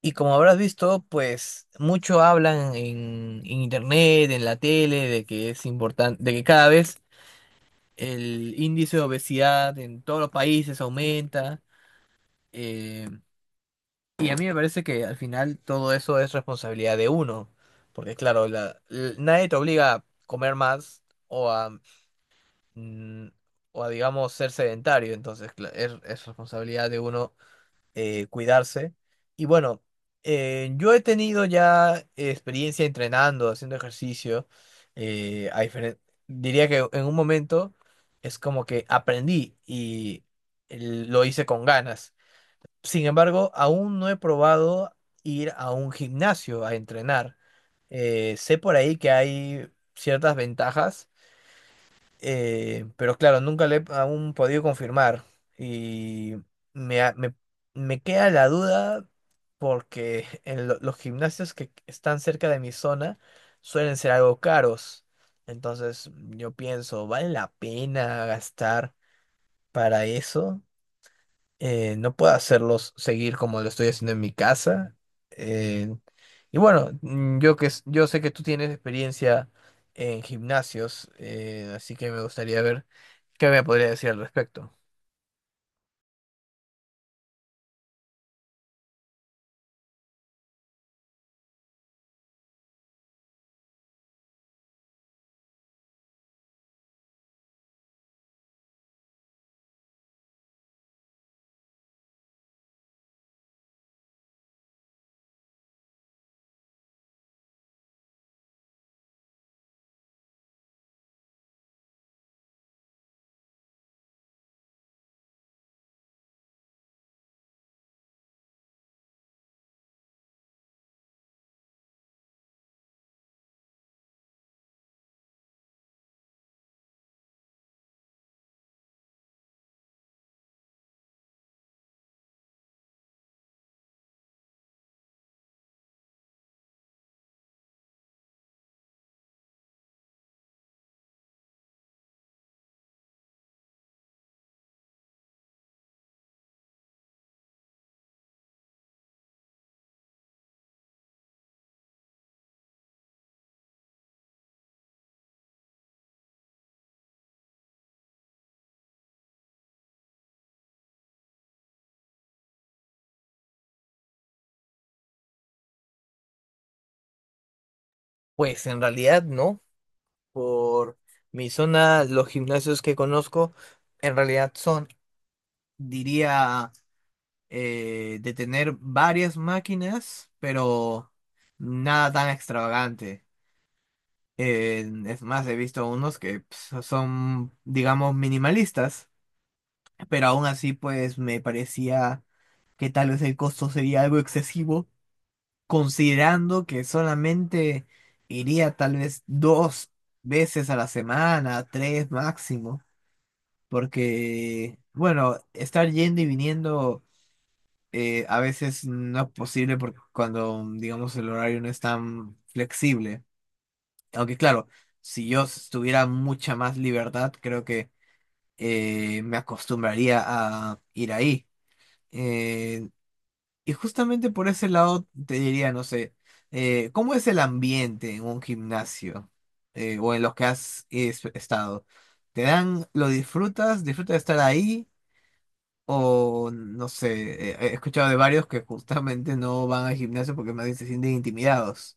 Y como habrás visto, pues mucho hablan en internet, en la tele, de que es importante, de que cada vez el índice de obesidad en todos los países aumenta. eh, y a mí me parece que al final todo eso es responsabilidad de uno, porque claro, nadie te obliga a comer más o a, mm, o a digamos, ser sedentario, entonces es responsabilidad de uno cuidarse. Y bueno, yo he tenido ya experiencia entrenando, haciendo ejercicio. eh, a diferen- Diría que en un momento es como que aprendí y lo hice con ganas. Sin embargo, aún no he probado ir a un gimnasio a entrenar. Sé por ahí que hay ciertas ventajas, pero claro, nunca le he aún podido confirmar. Y me, ha- me, me queda la duda porque en los gimnasios que están cerca de mi zona suelen ser algo caros. Entonces yo pienso, ¿vale la pena gastar para eso? No puedo hacerlos seguir como lo estoy haciendo en mi casa. eh, y bueno, yo sé que tú tienes experiencia en gimnasios, así que me gustaría ver qué me podría decir al respecto. Pues en realidad no, por mi zona, los gimnasios que conozco en realidad son, diría, de tener varias máquinas, pero nada tan extravagante. Es más, he visto unos que son, digamos, minimalistas, pero aún así, pues me parecía que tal vez el costo sería algo excesivo, considerando que solamente iría tal vez dos veces a la semana, tres máximo, porque, bueno, estar yendo y viniendo, a veces no es posible porque cuando, digamos, el horario no es tan flexible. Aunque claro, si yo s- tuviera mucha más libertad, creo que me acostumbraría a ir ahí. Eh, y justamente por ese lado te diría, no sé, ¿cómo es el ambiente en un gimnasio, o en los que estado? ¿Te dan, lo disfrutas, disfrutas de estar ahí? O no sé, he escuchado de varios que justamente no van al gimnasio porque más bien se sienten intimidados.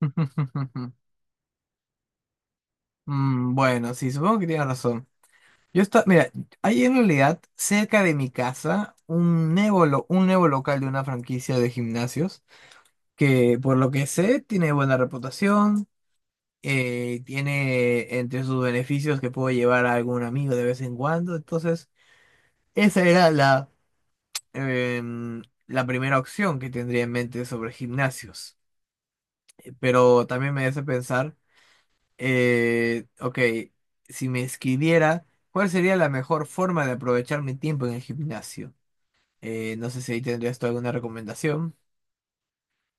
Mm. Bueno, sí, supongo que tienes razón. Yo está, mira, hay en realidad cerca de mi casa un nuevo, un nuevo local de una franquicia de gimnasios que por lo que sé tiene buena reputación, tiene entre sus beneficios que puedo llevar a algún amigo de vez en cuando, entonces esa era la primera opción que tendría en mente sobre gimnasios, pero también me hace pensar, ok, si me escribiera, ¿cuál sería la mejor forma de aprovechar mi tiempo en el gimnasio? No sé si ahí tendrías tú alguna recomendación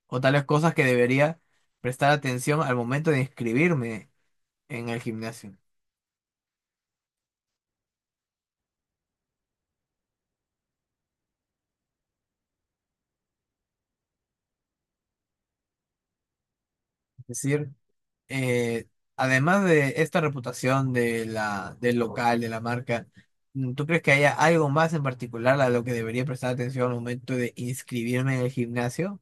o tales cosas que debería prestar atención al momento de inscribirme en el gimnasio. Es decir, eh, además de esta reputación de la, del local, de la marca, ¿tú crees que haya algo más en particular a lo que debería prestar atención al momento de inscribirme en el gimnasio?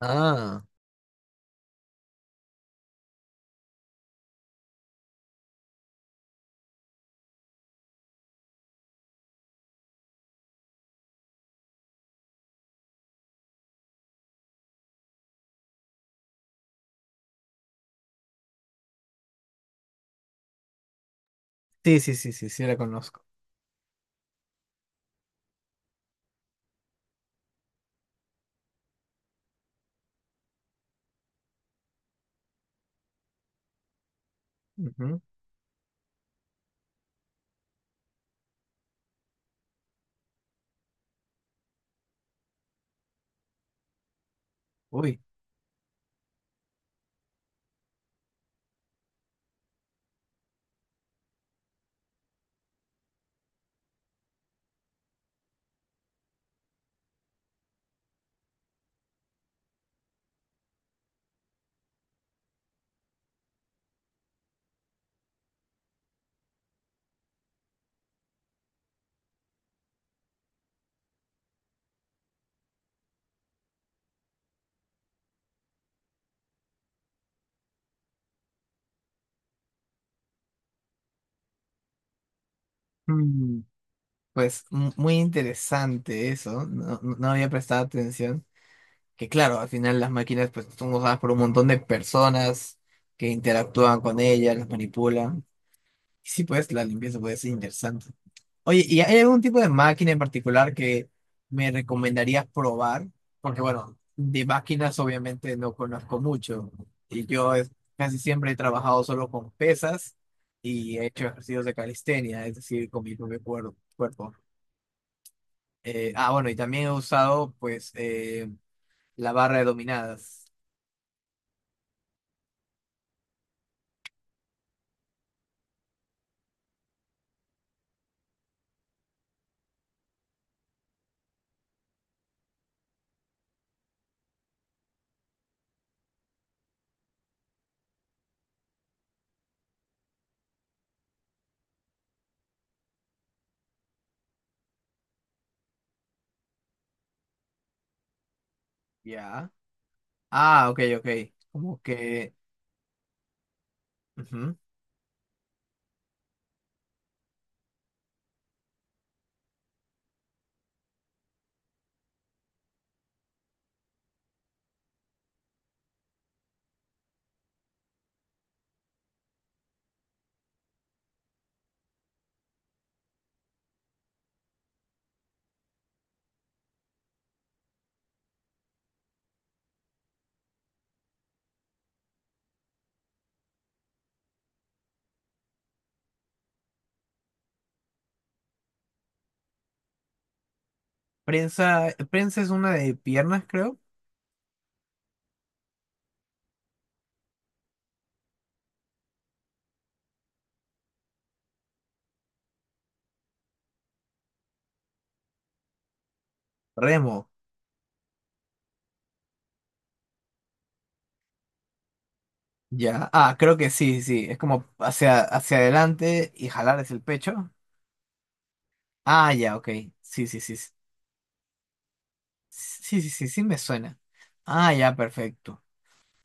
Ah, sí, sí, sí, sí, sí, la conozco. Ujú. Uy. Mm, pues muy interesante eso, no, no había prestado atención. Que claro, al final las máquinas pues son usadas por un montón de personas que interactúan con ellas, las manipulan. Y sí, pues la limpieza puede ser interesante. Oye, ¿y hay algún tipo de máquina en particular que me recomendarías probar? Porque bueno, de máquinas obviamente no conozco mucho y casi siempre he trabajado solo con pesas y he hecho ejercicios de calistenia, es decir, con mi propio cuerpo. Bueno, y también he usado pues, la barra de dominadas. Ya. Ah, ok, ok. Como que... ujú. Prensa, prensa es una de piernas, creo. Remo. Ya. Ah, creo que sí, sí. Es como hacia, hacia adelante y jalar es el pecho. Ah, ya, ok. Sí, sí, sí. Sí, sí, sí, sí, sí me suena. Ah, ya, perfecto.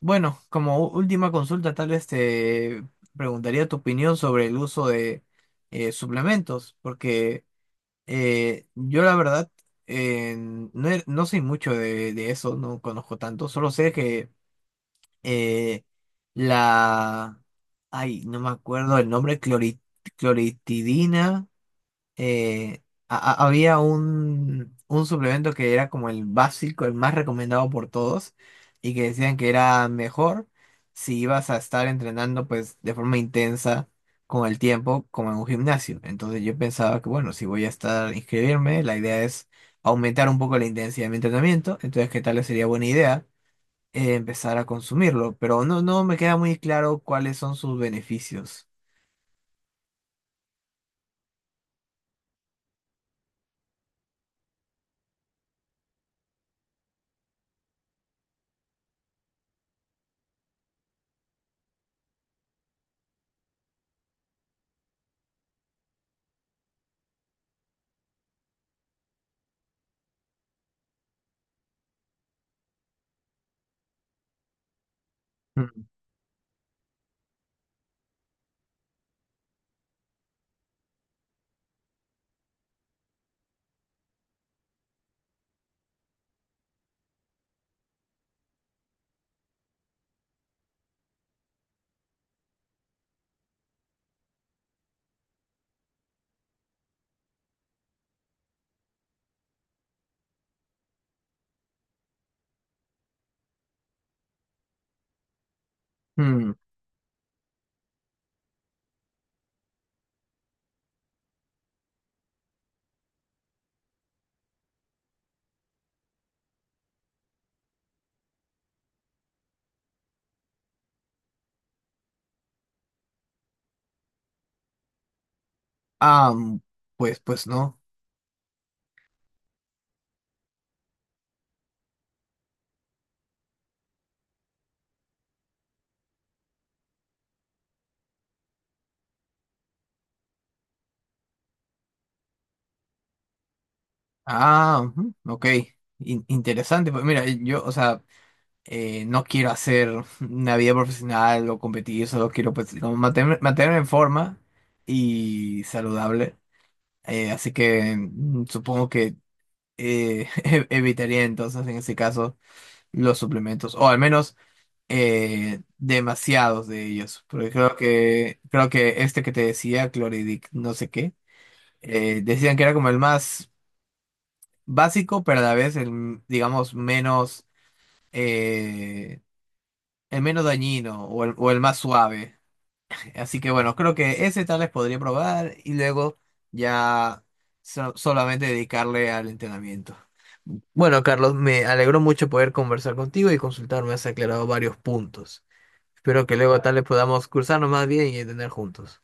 Bueno, como última consulta, tal vez te preguntaría tu opinión sobre el uso de, suplementos, porque yo la verdad, no, no soy mucho de eso, no conozco tanto, solo sé que eh, la... Ay, no me acuerdo el nombre, cloritidina. eh, a- Había un suplemento que era como el básico, el más recomendado por todos, y que decían que era mejor si ibas a estar entrenando pues de forma intensa con el tiempo, como en un gimnasio. Entonces yo pensaba que bueno, si voy a estar inscribirme, la idea es aumentar un poco la intensidad de mi entrenamiento, entonces qué tal sería buena idea, empezar a consumirlo, pero no, no me queda muy claro cuáles son sus beneficios. Mm. Mm. Ah, mm, pues, pues no. Ah, ujú, ok. Interesante. Pues mira, yo, o sea, no quiero hacer una vida profesional o competir, solo quiero pues, como mantenerme, mantenerme en forma y saludable. Así que supongo que evitaría entonces en ese caso los suplementos, o al menos demasiados de ellos, porque creo que este que te decía, chloridic no sé qué, decían que era como el más básico, pero a la vez el, digamos, menos, eh, el menos dañino o el más suave. Así que bueno, creo que ese tal vez podría probar y luego ya solamente dedicarle al entrenamiento. Bueno, Carlos, me alegró mucho poder conversar contigo y consultar, me has aclarado varios puntos. Espero que luego tal vez podamos cruzarnos más bien y entender juntos.